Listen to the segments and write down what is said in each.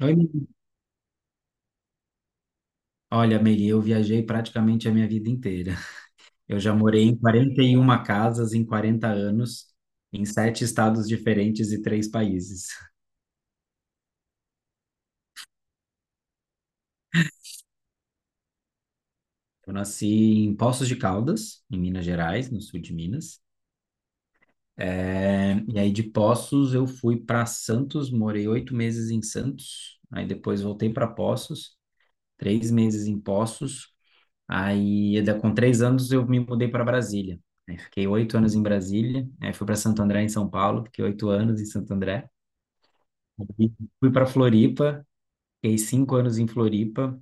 Oi, Meire. Olha, Meire, eu viajei praticamente a minha vida inteira. Eu já morei em 41 casas em 40 anos, em sete estados diferentes e três países. Eu nasci em Poços de Caldas, em Minas Gerais, no sul de Minas. É, e aí de Poços eu fui para Santos, morei 8 meses em Santos. Aí depois voltei para Poços, 3 meses em Poços. Aí, com 3 anos, eu me mudei para Brasília. Aí, fiquei 8 anos em Brasília. Aí, fui para Santo André, em São Paulo. Fiquei oito anos em Santo André. E fui para Floripa. Fiquei 5 anos em Floripa.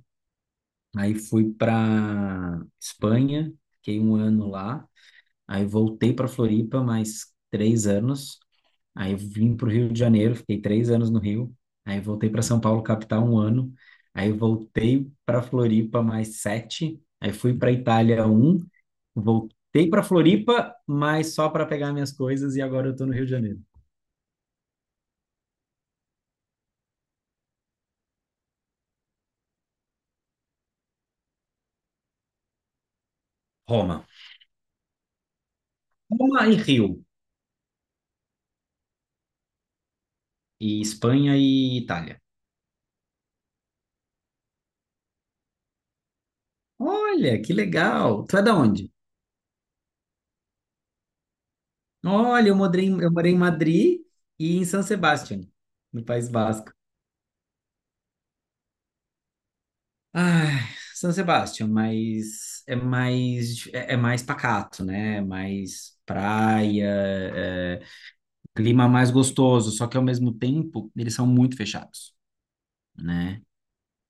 Aí, fui para Espanha. Fiquei um ano lá. Aí, voltei para Floripa, mais 3 anos. Aí, vim para o Rio de Janeiro. Fiquei 3 anos no Rio. Aí, voltei para São Paulo, capital, um ano. Aí, voltei para Floripa, mais sete. Aí, fui para Itália, um. Voltei para Floripa, mas só para pegar minhas coisas e agora eu estou no Rio de Janeiro. Roma. Roma e Rio. E Espanha e Itália. Olha, que legal. Tu é da onde? Olha, eu morei, eu morei em Madrid e em San Sebastián, no País Basco. Ai, San Sebastián, mas é mais pacato, né? É mais praia, é, clima mais gostoso, só que ao mesmo tempo eles são muito fechados, né?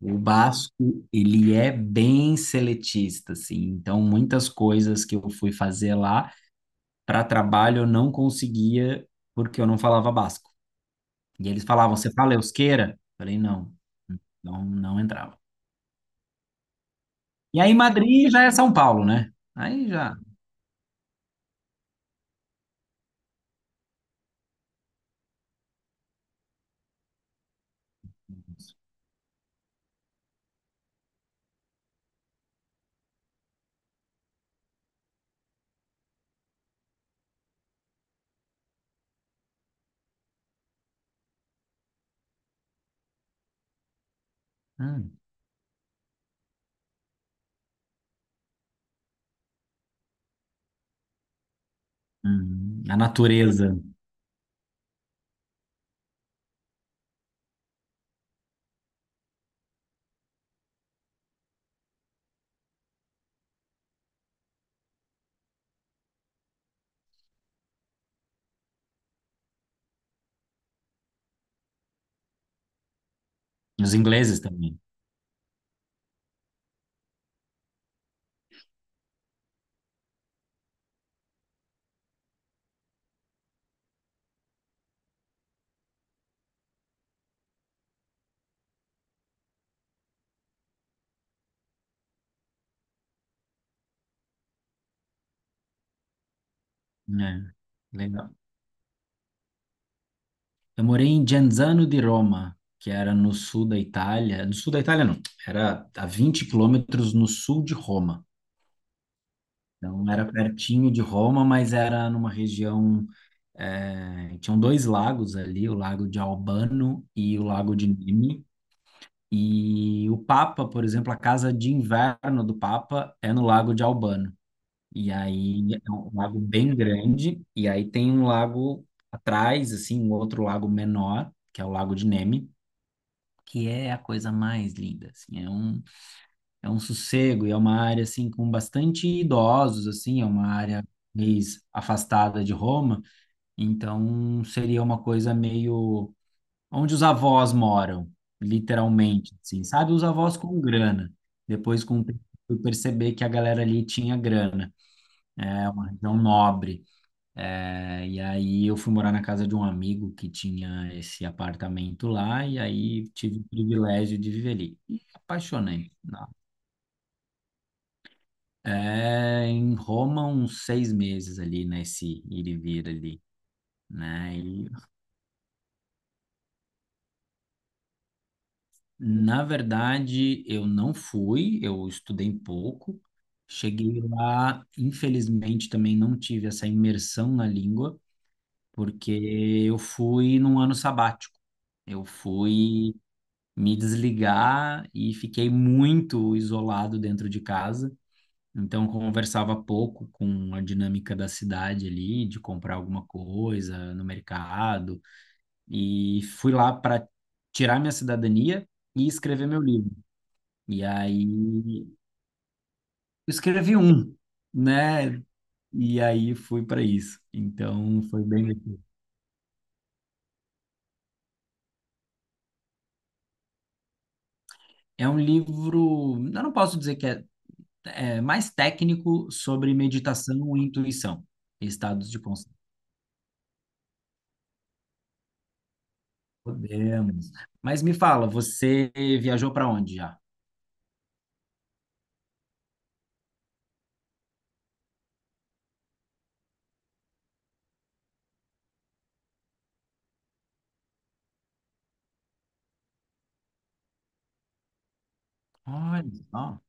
O Basco, ele é bem seletista, assim. Então, muitas coisas que eu fui fazer lá para trabalho eu não conseguia porque eu não falava basco. E eles falavam, você fala euskera? Falei, não, não, não entrava. E aí, Madrid já é São Paulo, né? Aí já. hum, a natureza, os ingleses também, né? Legal. Eu morei em Genzano di Roma, que era no sul da Itália. No sul da Itália, não. Era a 20 quilômetros no sul de Roma. Então, era pertinho de Roma, mas era numa região. Tinham dois lagos ali, o Lago de Albano e o Lago de Nemi. E o Papa, por exemplo, a casa de inverno do Papa é no Lago de Albano. E aí é um lago bem grande, e aí tem um lago atrás, assim, um outro lago menor, que é o Lago de Nemi, que é a coisa mais linda, assim, é um sossego e é uma área, assim, com bastante idosos, assim, é uma área mais afastada de Roma, então seria uma coisa meio onde os avós moram, literalmente, assim, sabe? Os avós com grana, depois com o tempo eu perceber que a galera ali tinha grana, é uma região nobre, é, e aí eu fui morar na casa de um amigo que tinha esse apartamento lá, e aí tive o privilégio de viver ali. E apaixonei, né? É, em Roma, uns 6 meses ali, nesse ir e vir ali, né? E, na verdade, eu não fui, eu estudei pouco. Cheguei lá, infelizmente, também não tive essa imersão na língua, porque eu fui num ano sabático. Eu fui me desligar e fiquei muito isolado dentro de casa. Então, conversava pouco com a dinâmica da cidade ali, de comprar alguma coisa no mercado. E fui lá para tirar minha cidadania e escrever meu livro. E aí, eu escrevi um, né? E aí fui para isso. Então, foi bem. É um livro. Eu não posso dizer que é é, mais técnico sobre meditação e intuição, estados de consciência. Podemos. Mas me fala, você viajou para onde já? Olha só,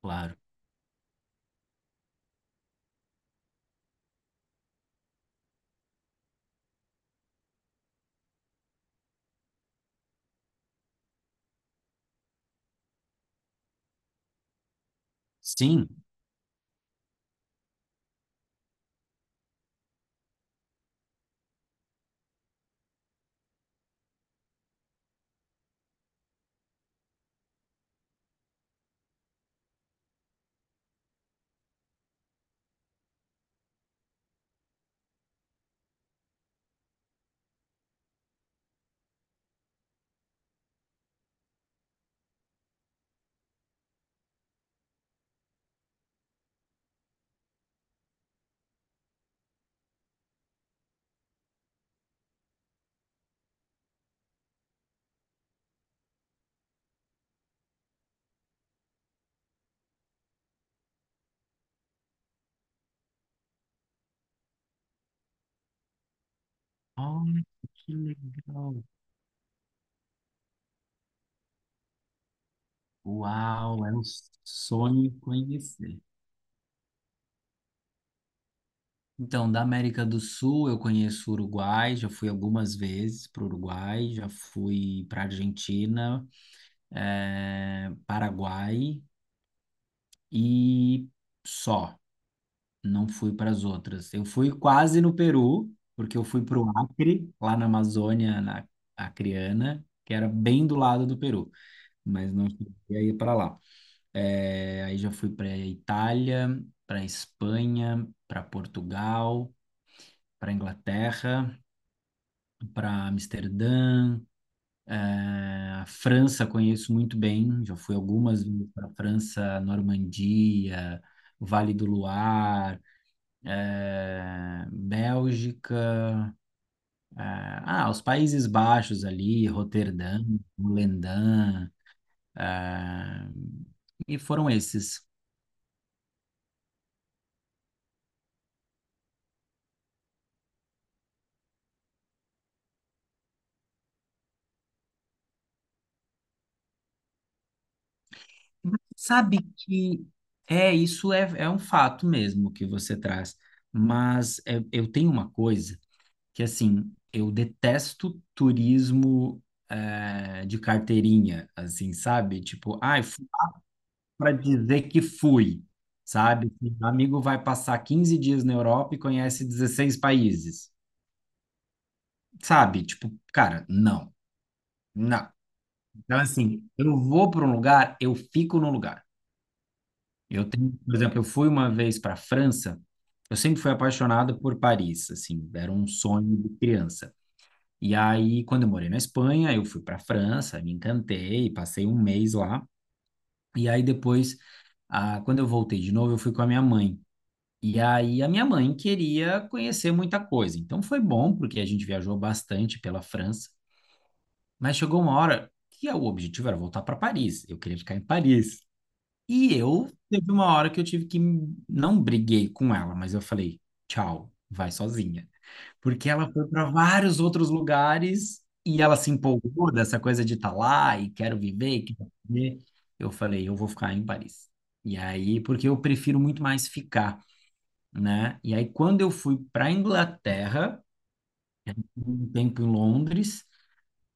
claro. Sim. Olha, que legal. Uau, é um sonho conhecer. Então, da América do Sul, eu conheço o Uruguai, já fui algumas vezes para o Uruguai, já fui para a Argentina, Paraguai e só. Não fui para as outras. Eu fui quase no Peru, porque eu fui para o Acre, lá na Amazônia, na Acreana, que era bem do lado do Peru, mas não cheguei a ir para lá. É, aí já fui para a Itália, para a Espanha, para Portugal, para Inglaterra, para Amsterdã. É, a França conheço muito bem, já fui algumas vezes para a França, Normandia, Vale do Luar. Bélgica, os Países Baixos ali, Roterdã, Volendam, ah, e foram esses. Mas sabe que é isso é um fato mesmo que você traz, mas é, eu tenho uma coisa que assim eu detesto turismo de carteirinha, assim, sabe? Tipo, ai, para dizer que fui, sabe? Assim, um amigo vai passar 15 dias na Europa e conhece 16 países, sabe? Tipo, cara, não, não. Então, assim, eu vou para um lugar, eu fico no lugar. Eu tenho, por exemplo, eu fui uma vez para a França, eu sempre fui apaixonado por Paris, assim, era um sonho de criança. E aí, quando eu morei na Espanha, eu fui para a França, me encantei, passei um mês lá. E aí depois, quando eu voltei de novo, eu fui com a minha mãe. E aí a minha mãe queria conhecer muita coisa. Então foi bom, porque a gente viajou bastante pela França, mas chegou uma hora que o objetivo era voltar para Paris. Eu queria ficar em Paris. E eu teve uma hora que eu tive que não briguei com ela, mas eu falei: "Tchau, vai sozinha". Porque ela foi para vários outros lugares e ela se empolgou dessa coisa de estar lá e quero viver, e quero viver. Eu falei: "Eu vou ficar em Paris". E aí, porque eu prefiro muito mais ficar, né? E aí, quando eu fui para a Inglaterra, um tempo em Londres,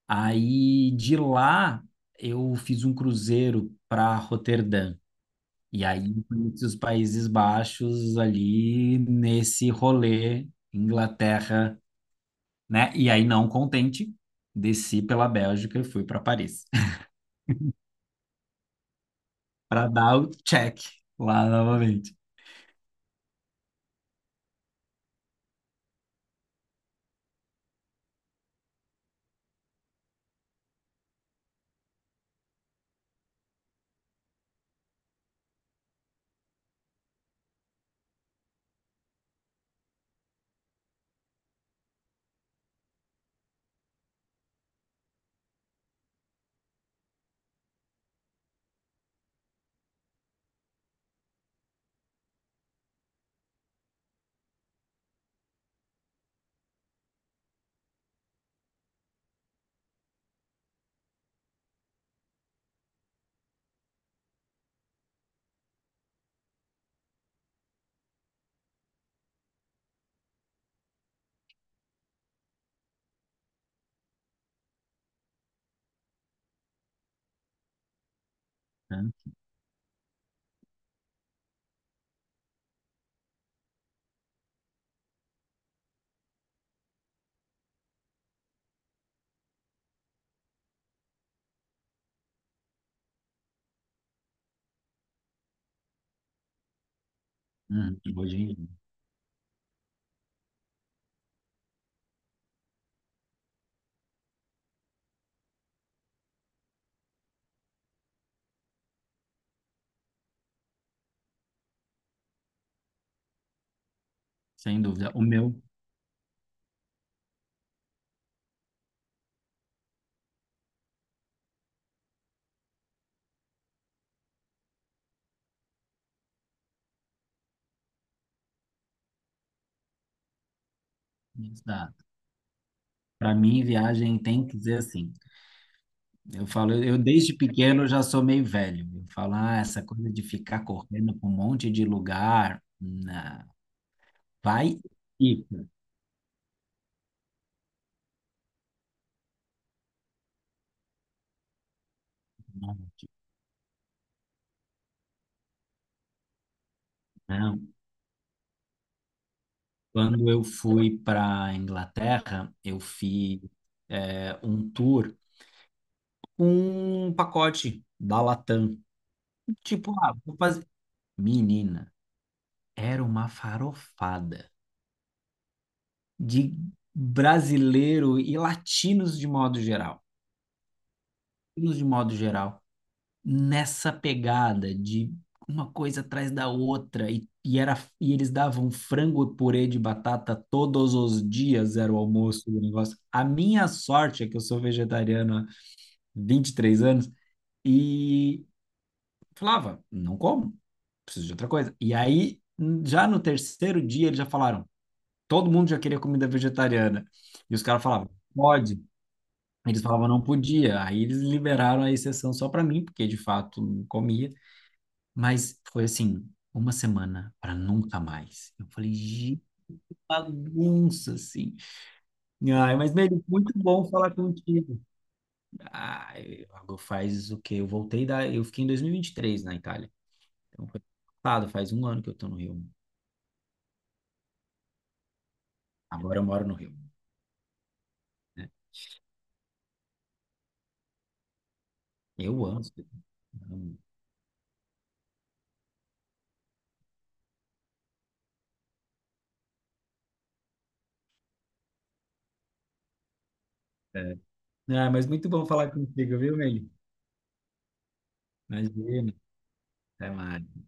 aí de lá eu fiz um cruzeiro para Roterdã. E aí, conheci os Países Baixos ali nesse rolê, Inglaterra, né? E aí, não contente, desci pela Bélgica e fui para Paris, para dar o check lá novamente, né? Hoje em dia, sem dúvida. Para mim, viagem tem que ser assim. Eu falo, eu desde pequeno já sou meio velho. Eu falo, ah, essa coisa de ficar correndo para um monte de lugar, vai e fica, não, tipo, não. Quando eu fui para Inglaterra, eu fiz é, um tour com um pacote da Latam. Tipo, ah, vou fazer. Menina, era uma farofada de brasileiro e latinos de modo geral. Latinos de modo geral. Nessa pegada de uma coisa atrás da outra e era e eles davam frango e purê de batata todos os dias, era o almoço do negócio. A minha sorte é que eu sou vegetariano há 23 anos e falava, não como, preciso de outra coisa. E aí, já no terceiro dia, eles já falaram, todo mundo já queria comida vegetariana. E os caras falavam, pode. Eles falavam não podia. Aí eles liberaram a exceção só para mim, porque de fato não comia. Mas foi assim, uma semana para nunca mais. Eu falei, "Gi, bagunça, assim. Ai, mas, Mary, muito bom falar contigo. Ai, faz o quê? Eu fiquei em dois mil e vinte e três na Itália. Então, foi passado, faz um ano que eu tô no Rio. Agora eu moro no Rio, né? Eu amo isso. Amo. É. Ah, mas muito bom falar contigo, viu, Mary? Imagina. Até mais.